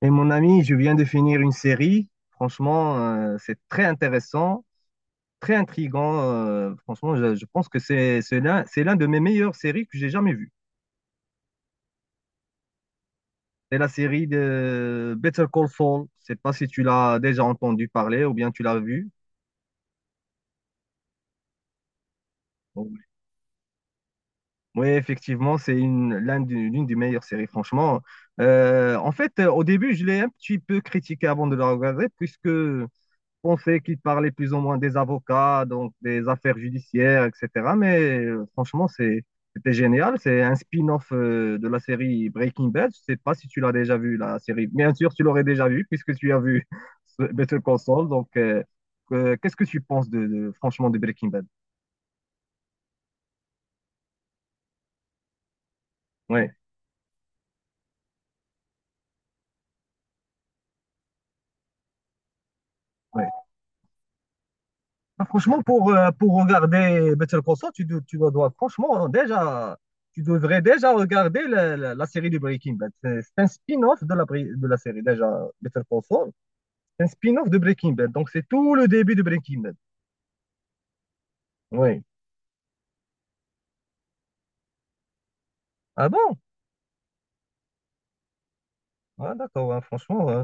Et mon ami, je viens de finir une série. Franchement, c'est très intéressant, très intriguant. Franchement, je pense que c'est l'un de mes meilleures séries que j'ai jamais vues. C'est la série de Better Call Saul. Je sais pas si tu l'as déjà entendu parler ou bien tu l'as vu. Oui, effectivement, c'est l'une des meilleures séries, franchement. Au début, je l'ai un petit peu critiqué avant de la regarder, puisque pensais qu'il parlait plus ou moins des avocats, donc des affaires judiciaires, etc. Mais franchement, c'était génial. C'est un spin-off de la série Breaking Bad. Je sais pas si tu l'as déjà vu, la série. Bien sûr, tu l'aurais déjà vu puisque tu as vu Better Call Saul. Qu'est-ce que tu penses franchement de Breaking Bad? Ouais, ouais. Ah, franchement, pour regarder Better Call Saul, franchement, hein, déjà, tu devrais déjà regarder la série de Breaking Bad. C'est un spin-off de de la série, déjà, Better Call Saul. C'est un spin-off de Breaking Bad. Donc, c'est tout le début de Breaking Bad. Oui. Ah bon? Ah, d'accord, ouais, franchement, ouais.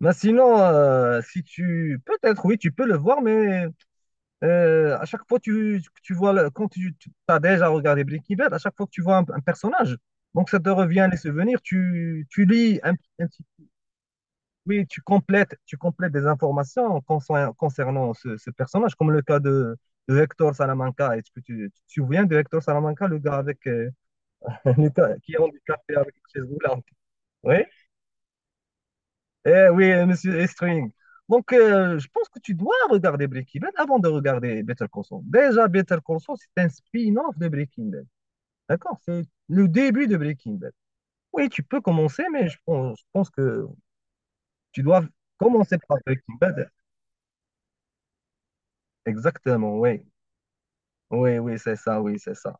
Mais sinon, si tu, peut-être, oui, tu peux le voir, mais à chaque fois tu vois, quand tu, as déjà regardé Breaking Bad, à chaque fois que tu vois un personnage, donc ça te revient les souvenirs, tu lis un petit, oui, tu complètes des informations concernant ce personnage, comme le cas de Hector Salamanca. Est-ce que tu te souviens de Hector Salamanca, le gars avec, le gars qui est handicapé avec une chaise roulante? Oui. Eh oui, monsieur Estring. Donc, je pense que tu dois regarder Breaking Bad avant de regarder Better Call Saul. Déjà, Better Call Saul, c'est un spin-off de Breaking Bad. D'accord? C'est le début de Breaking Bad. Oui, tu peux commencer, mais je pense que tu dois commencer par Breaking Bad. Exactement, oui. Oui, oui, c'est ça, oui, c'est ça.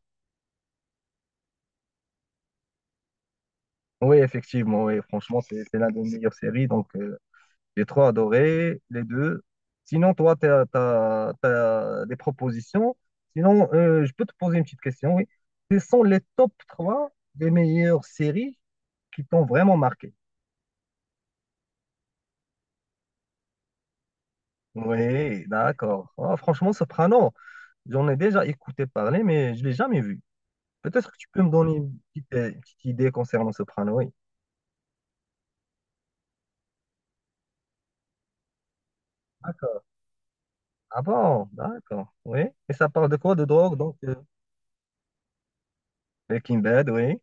Oui, effectivement, oui. Franchement, c'est l'un des meilleures séries. Donc, j'ai trop adoré les deux. Sinon, toi, tu as, des propositions. Sinon, je peux te poser une petite question, oui. Quels sont les top 3 des meilleures séries qui t'ont vraiment marqué? Oui, d'accord. Ah, franchement, Soprano, j'en ai déjà écouté parler, mais je ne l'ai jamais vu. Peut-être que tu peux me donner une petite idée concernant Soprano, oui. D'accord. Ah bon, d'accord. Oui. Et ça parle de quoi? De drogue, donc? Breaking Bad, oui.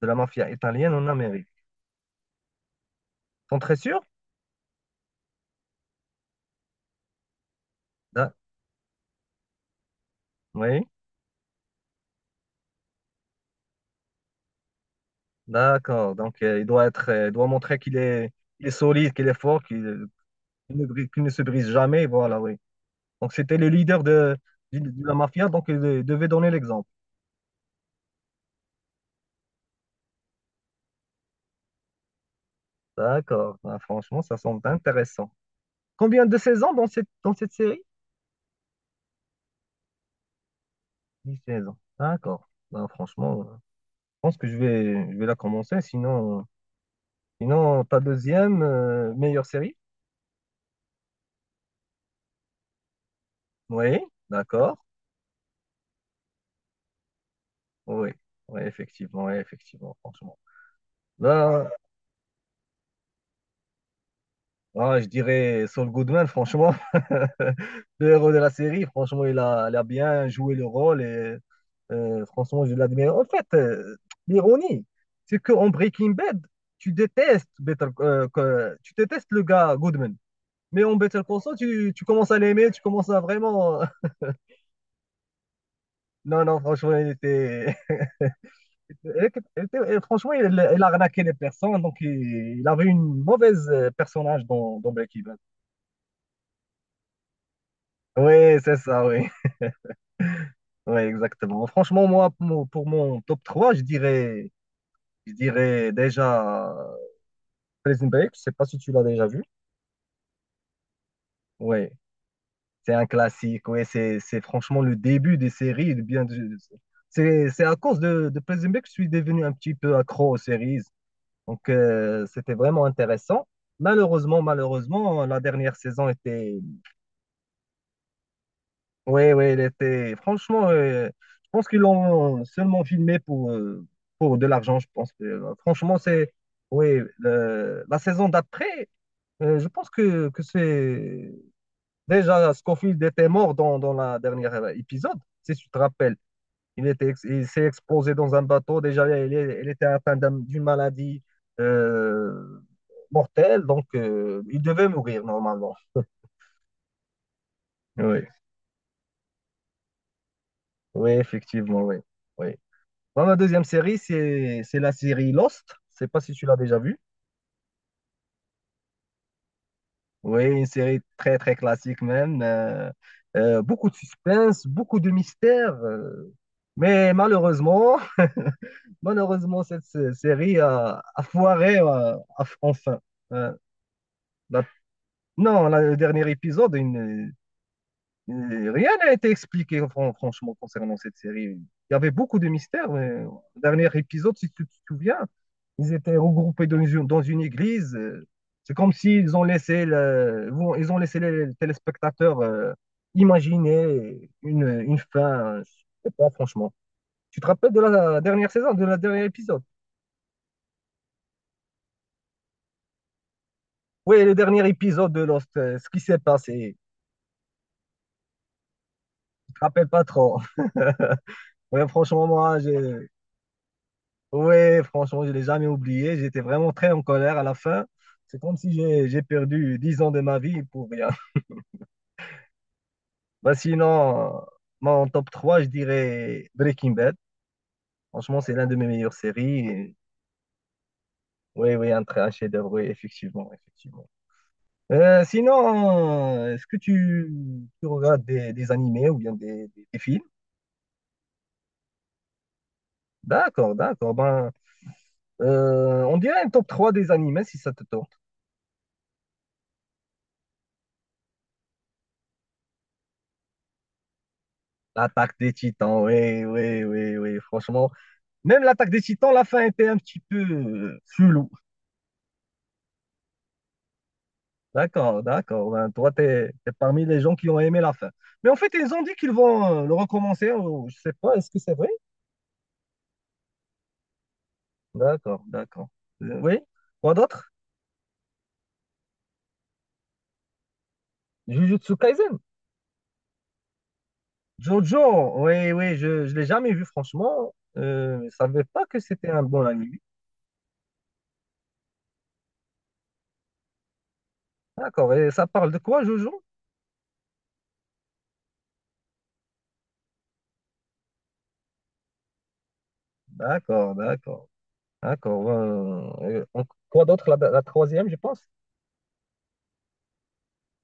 De la mafia italienne en Amérique. T'en très sûr? Oui, d'accord. Donc, il doit être, il doit montrer qu'il est, il est solide, qu'il est fort, qu'il ne, qu'il ne se brise jamais. Voilà, oui. Donc, c'était le leader de, de la mafia, donc il devait donner l'exemple. D'accord. Ah, franchement, ça semble intéressant. Combien de saisons dans cette série? 10 saisons. D'accord. Ben, franchement, je pense que je vais la commencer. Sinon ta deuxième meilleure série? Oui, d'accord. Oui, oui, effectivement, franchement. Là, ah, je dirais Saul Goodman, franchement, le héros de la série, franchement, il a bien joué le rôle et franchement, je l'admire. En fait, l'ironie, c'est qu'en Breaking Bad, tu détestes tu détestes le gars Goodman, mais en Better Call Saul, tu commences à l'aimer, tu commences à vraiment. Non, non, franchement, il était, il franchement, il a arnaqué les personnes, donc il avait une mauvaise personnage dans, dans Breaking Bad. Oui, c'est ça, oui. Ouais, exactement. Franchement, moi, pour mon top 3 je dirais déjà Prison Break. Je sais pas si tu l'as déjà vu. Ouais, c'est un classique. Ouais, c'est franchement le début des séries et c'est à cause de Prison Break que je suis devenu un petit peu accro aux séries. Donc, c'était vraiment intéressant. Malheureusement, malheureusement, la dernière saison était, oui, oui, il était. Franchement, je pense qu'ils l'ont seulement filmé pour de l'argent, je pense. Franchement, c'est. Oui, la saison d'après, je pense que c'est. Déjà, Scofield était mort dans, dans la dernière épisode, si tu te rappelles. Il était, il s'est explosé dans un bateau. Déjà, il était atteint d'une maladie euh, mortelle, donc il devait mourir normalement. Oui, oui, effectivement, oui. Oui. Moi, ma deuxième série, c'est la série Lost. Je sais pas si tu l'as déjà vue. Oui, une série très, très classique même. Beaucoup de suspense, beaucoup de mystère. Mais malheureusement, malheureusement, cette série a, a foiré enfin. Euh, la- non, le dernier épisode, rien n'a été expliqué franchement concernant cette série. Il y avait beaucoup de mystères, mais, le dernier épisode, si tu te souviens. Ils étaient regroupés dans une église. C'est comme s'ils ont laissé ils ont laissé les téléspectateurs imaginer une fin. Je sais pas, franchement. Tu te rappelles de la dernière saison, de la dernier épisode? Oui, le dernier épisode de Lost, ce qui s'est passé. Je te rappelle pas trop. Ouais, franchement, moi, j'ai... Ouais, franchement, je l'ai jamais oublié. J'étais vraiment très en colère à la fin. C'est comme si j'ai perdu 10 ans de ma vie pour rien. Bah sinon, moi, top 3 je dirais Breaking Bad. Franchement, c'est l'un de mes meilleures séries. Et- oui, oui, un, un chef-d'œuvre, oui, effectivement, effectivement. Est-ce que tu regardes des animés ou bien des, des films? D'accord, d'accord. Ben, on dirait un top 3 des animés si ça te tente. L'attaque des Titans, oui, oui, oui, oui, franchement. Même l'attaque des Titans, la fin était un petit peu floue. D'accord, d'accord. Ben, toi, tu es, parmi les gens qui ont aimé la fin. Mais en fait, ils ont dit qu'ils vont le recommencer, ou je sais pas, est-ce que c'est vrai? D'accord, d'accord. Oui, quoi d'autre? Jujutsu Kaisen. Jojo, oui, oui, je ne l'ai jamais vu, franchement. Je ne savais pas que c'était un bon anime. D'accord, et ça parle de quoi, Jojo? D'accord, d'accord, d'accord. Et quoi d'autre? La troisième, je pense.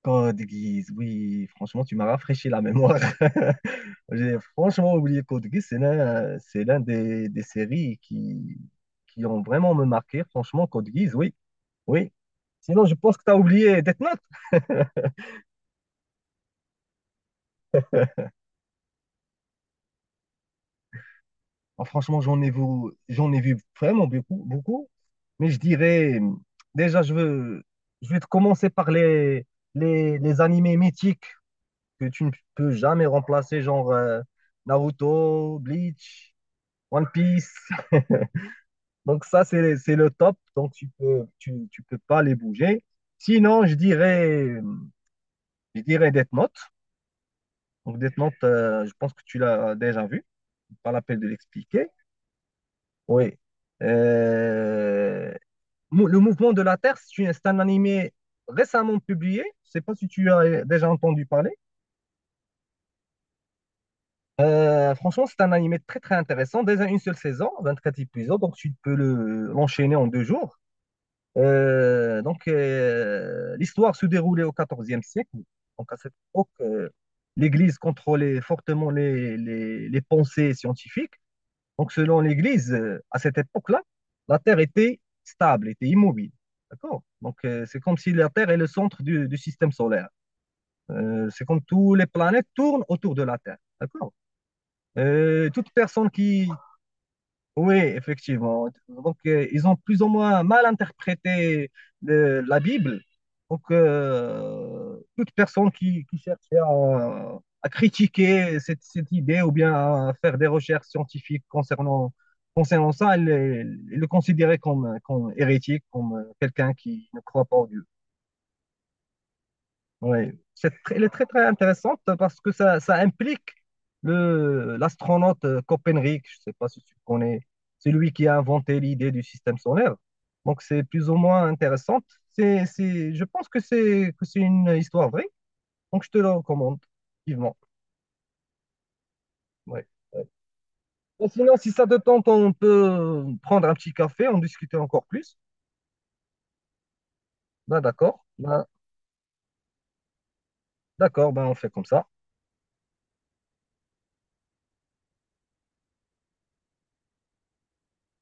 Code Geass, oui, franchement, tu m'as rafraîchi la mémoire. J'ai franchement oublié Code Geass, c'est l'un des séries qui ont vraiment me marqué. Franchement, Code Geass, oui, oui. Sinon, je pense que tu as oublié Death Note. Ah, franchement, j'en ai vu vraiment beaucoup, beaucoup. Mais je dirais, déjà, je vais te commencer par les animés mythiques que tu ne peux jamais remplacer, genre Naruto, Bleach. One Piece. Donc ça, c'est le top. Donc tu peux pas les bouger. Sinon, je dirais Death Note. Donc Death Note, je pense que tu l'as déjà vu. Pas la peine de l'expliquer. Oui. Euh, le mouvement de la Terre, c'est c'est un animé récemment publié. Je sais pas si tu as déjà entendu parler. Franchement, c'est un animé très très intéressant. Déjà une seule saison, 24 épisodes, donc tu peux l'enchaîner en deux jours. L'histoire se déroulait au XIVe siècle. Donc, à cette époque, l'Église contrôlait fortement les pensées scientifiques. Donc, selon l'Église, à cette époque-là, la Terre était stable, était immobile. D'accord? Donc, c'est comme si la Terre est le centre du système solaire. C'est comme toutes les planètes tournent autour de la Terre. D'accord? Toute personne qui, oui, effectivement. Donc, ils ont plus ou moins mal interprété la Bible. Donc, toute personne qui cherche à critiquer cette, cette idée ou bien à faire des recherches scientifiques concernant, concernant ça, elle est considérée comme, comme hérétique, comme quelqu'un qui ne croit pas en Dieu. Oui, c'est très, elle est très très intéressante parce que ça implique le l'astronaute Copernic, je ne sais pas si tu connais, c'est lui qui a inventé l'idée du système solaire. Donc c'est plus ou moins intéressante. Je pense que c'est une histoire vraie, donc je te la recommande vivement. Ouais. Et sinon, si ça te tente, on peut prendre un petit café, en discuter encore plus. Ben d'accord, ben, d'accord, ben on fait comme ça.